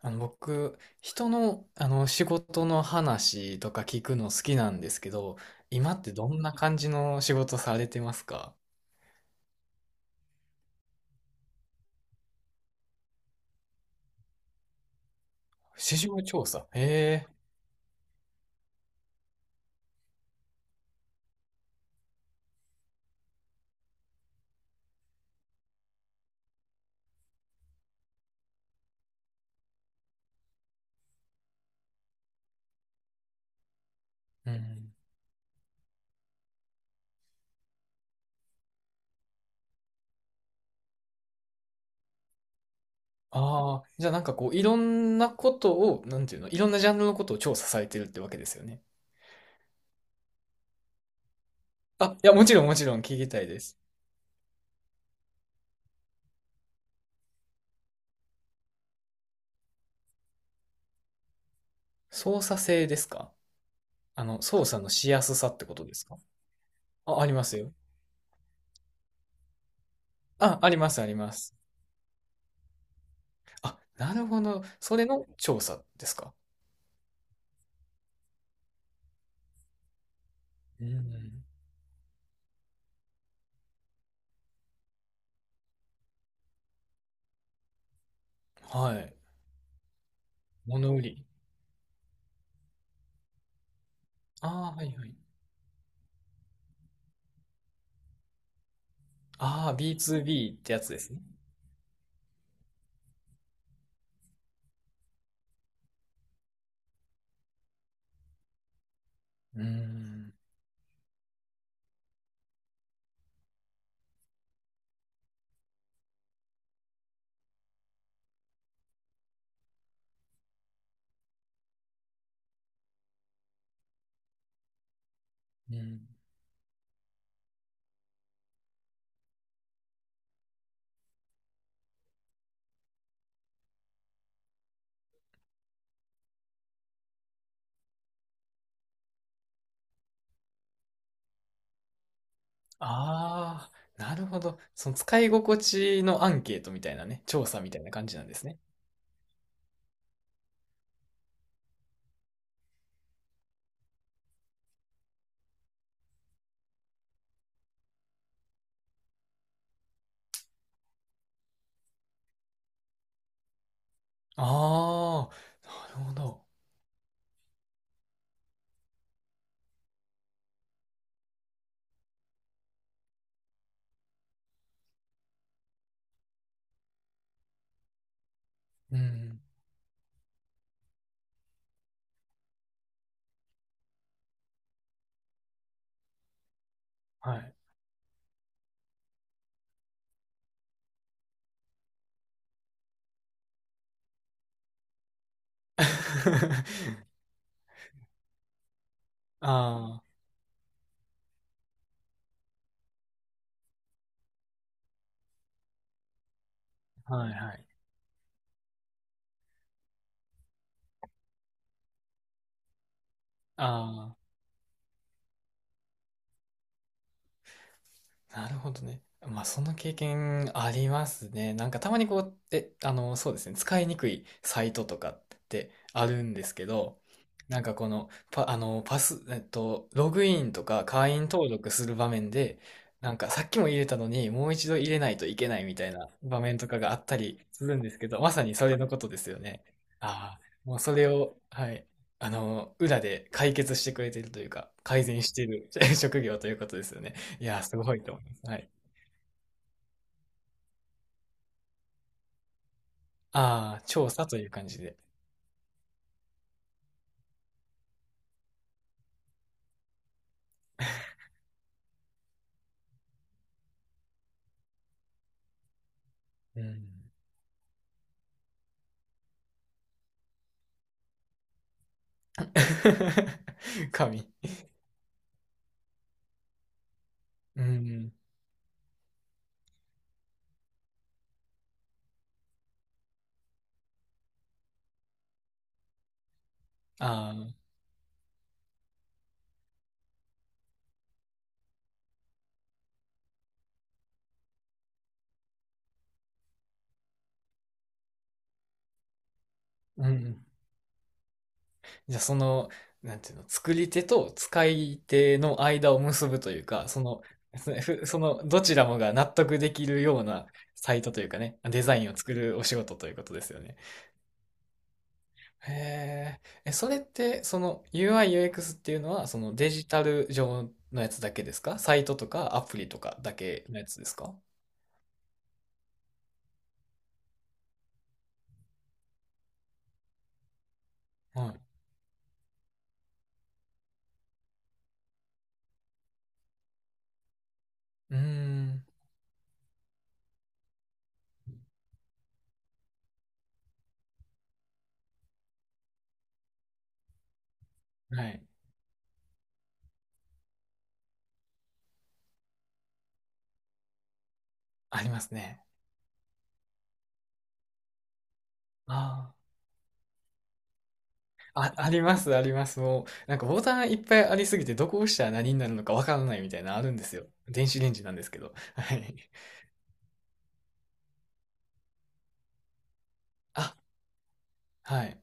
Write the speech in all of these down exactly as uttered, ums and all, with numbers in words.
あの僕、人の、あの仕事の話とか聞くの好きなんですけど、今ってどんな感じの仕事されてますか？市場調査。へえ。うん。ああ、じゃあなんかこう、いろんなことを、なんていうの、いろんなジャンルのことを調査されてるってわけですよね。あ、いや、もちろんもちろん聞きたいです。操作性ですか？あの、操作のしやすさってことですか？あ、ありますよ。あ、あります、あります。あ、なるほど。それの調査ですか？うん。はい。物売り。ああ、はいはい。ああ、ビートゥービー ってやつですね。うーん。うん。ああ、なるほど。その使い心地のアンケートみたいなね、調査みたいな感じなんですね。ああ、なるほど。うん。はい。ああ、はいはい。ああ。なるほどね。まあ、その経験ありますね。なんかたまにこう、え、あの、そうですね、使いにくいサイトとかってあるんですけど、なんかこの、パ、あの、パス、えっと、ログインとか会員登録する場面で、なんかさっきも入れたのにもう一度入れないといけないみたいな場面とかがあったりするんですけど、まさにそれのことですよね。ああ、もうそれを、はい、あの、裏で解決してくれてるというか、改善している 職業ということですよね。いやー、すごいと思います。はい。ああ、調査という感じで。うん。神。うん。ああ、うん。じゃあ、その、なんていうの、作り手と使い手の間を結ぶというか、その、そふその、どちらもが納得できるようなサイトというかね、デザインを作るお仕事ということですよね。へーえ、えそれって、その ユーアイ、ユーエックス っていうのは、そのデジタル上のやつだけですか？サイトとかアプリとかだけのやつですか？はい。うーん。はい。ありますね。ああ。あ、あります、あります。もう、なんかボタンいっぱいありすぎて、どこ押したら何になるのかわからないみたいなのあるんですよ。電子レンジなんですけど。はい。あ、はい。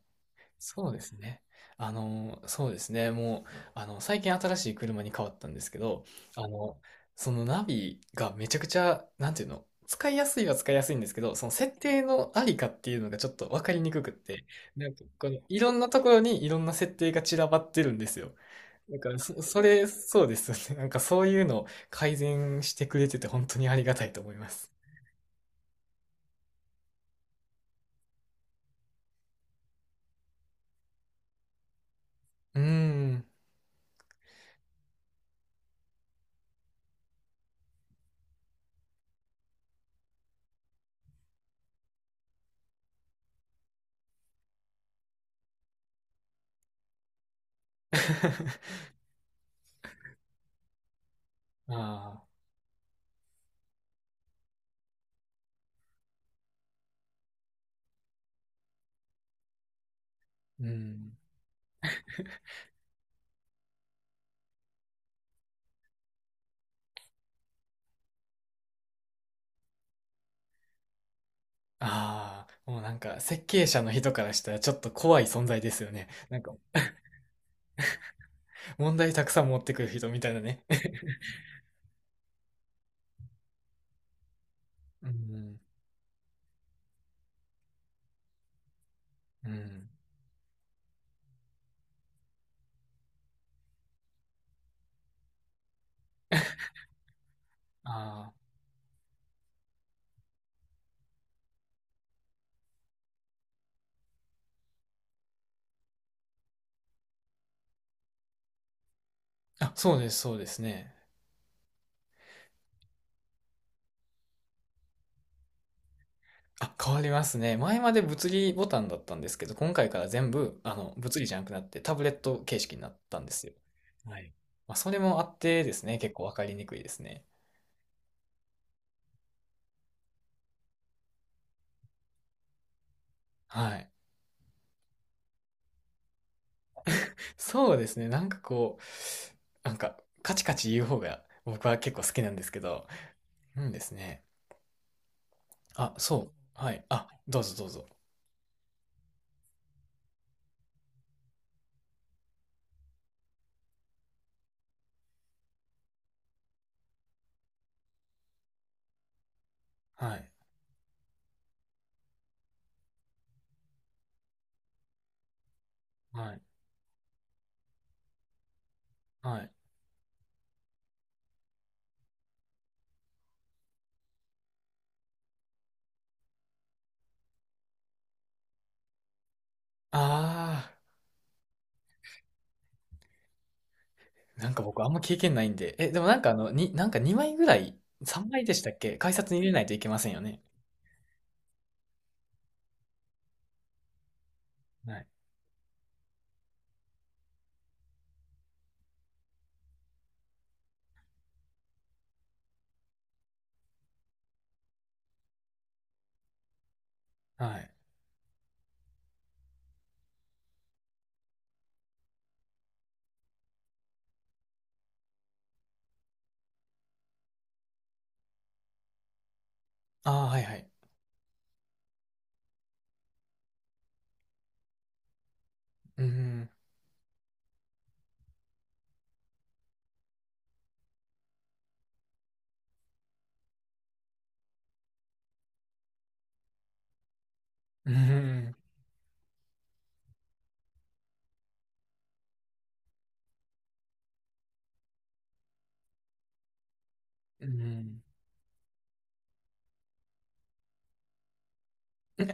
そうですね。あの、そうですね。もう、あの、最近新しい車に変わったんですけど、あの、そのナビがめちゃくちゃ、なんていうの、使いやすいは使いやすいんですけど、その設定のありかっていうのがちょっとわかりにくくって、なんかこのいろんなところにいろんな設定が散らばってるんですよ。なんか、そ、それ、そうですよね。なんかそういうの改善してくれてて本当にありがたいと思います。うーん。ああ、うん。ああ、もうなんか設計者の人からしたらちょっと怖い存在ですよね。なんか問題たくさん持ってくる人みたいなね。うん、うん。ああ、あ、そうです、そうですね。あ、変わりますね。前まで物理ボタンだったんですけど、今回から全部、あの、物理じゃなくなってタブレット形式になったんですよ。はい。まあ、それもあってですね、結構わかりにくいですね。はい。そうですね。なんかこう、なんか、カチカチ言う方が僕は結構好きなんですけど、うんですね。あ、そう。はい。あ、どうぞどうぞ。はい。はい。はい。ああ、なんか僕あんま経験ないんで。え、でもなんかあの、に、なんかにまいぐらい、さんまいでしたっけ？改札に入れないといけませんよね。はい。ああ、はいはい。うん。うん。うん。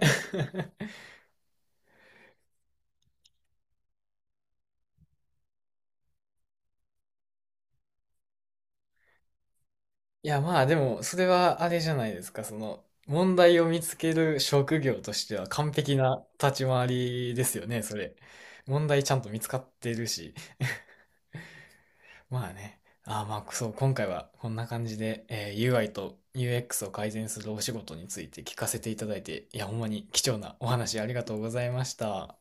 いや、まあでも、それはあれじゃないですか。その、問題を見つける職業としては完璧な立ち回りですよね、それ。問題ちゃんと見つかってるし。まあね。ああ、まあ、そう、今回はこんな感じで、えー ユーアイ と ユーエックス を改善するお仕事について聞かせていただいて、いや、ほんまに貴重なお話ありがとうございました。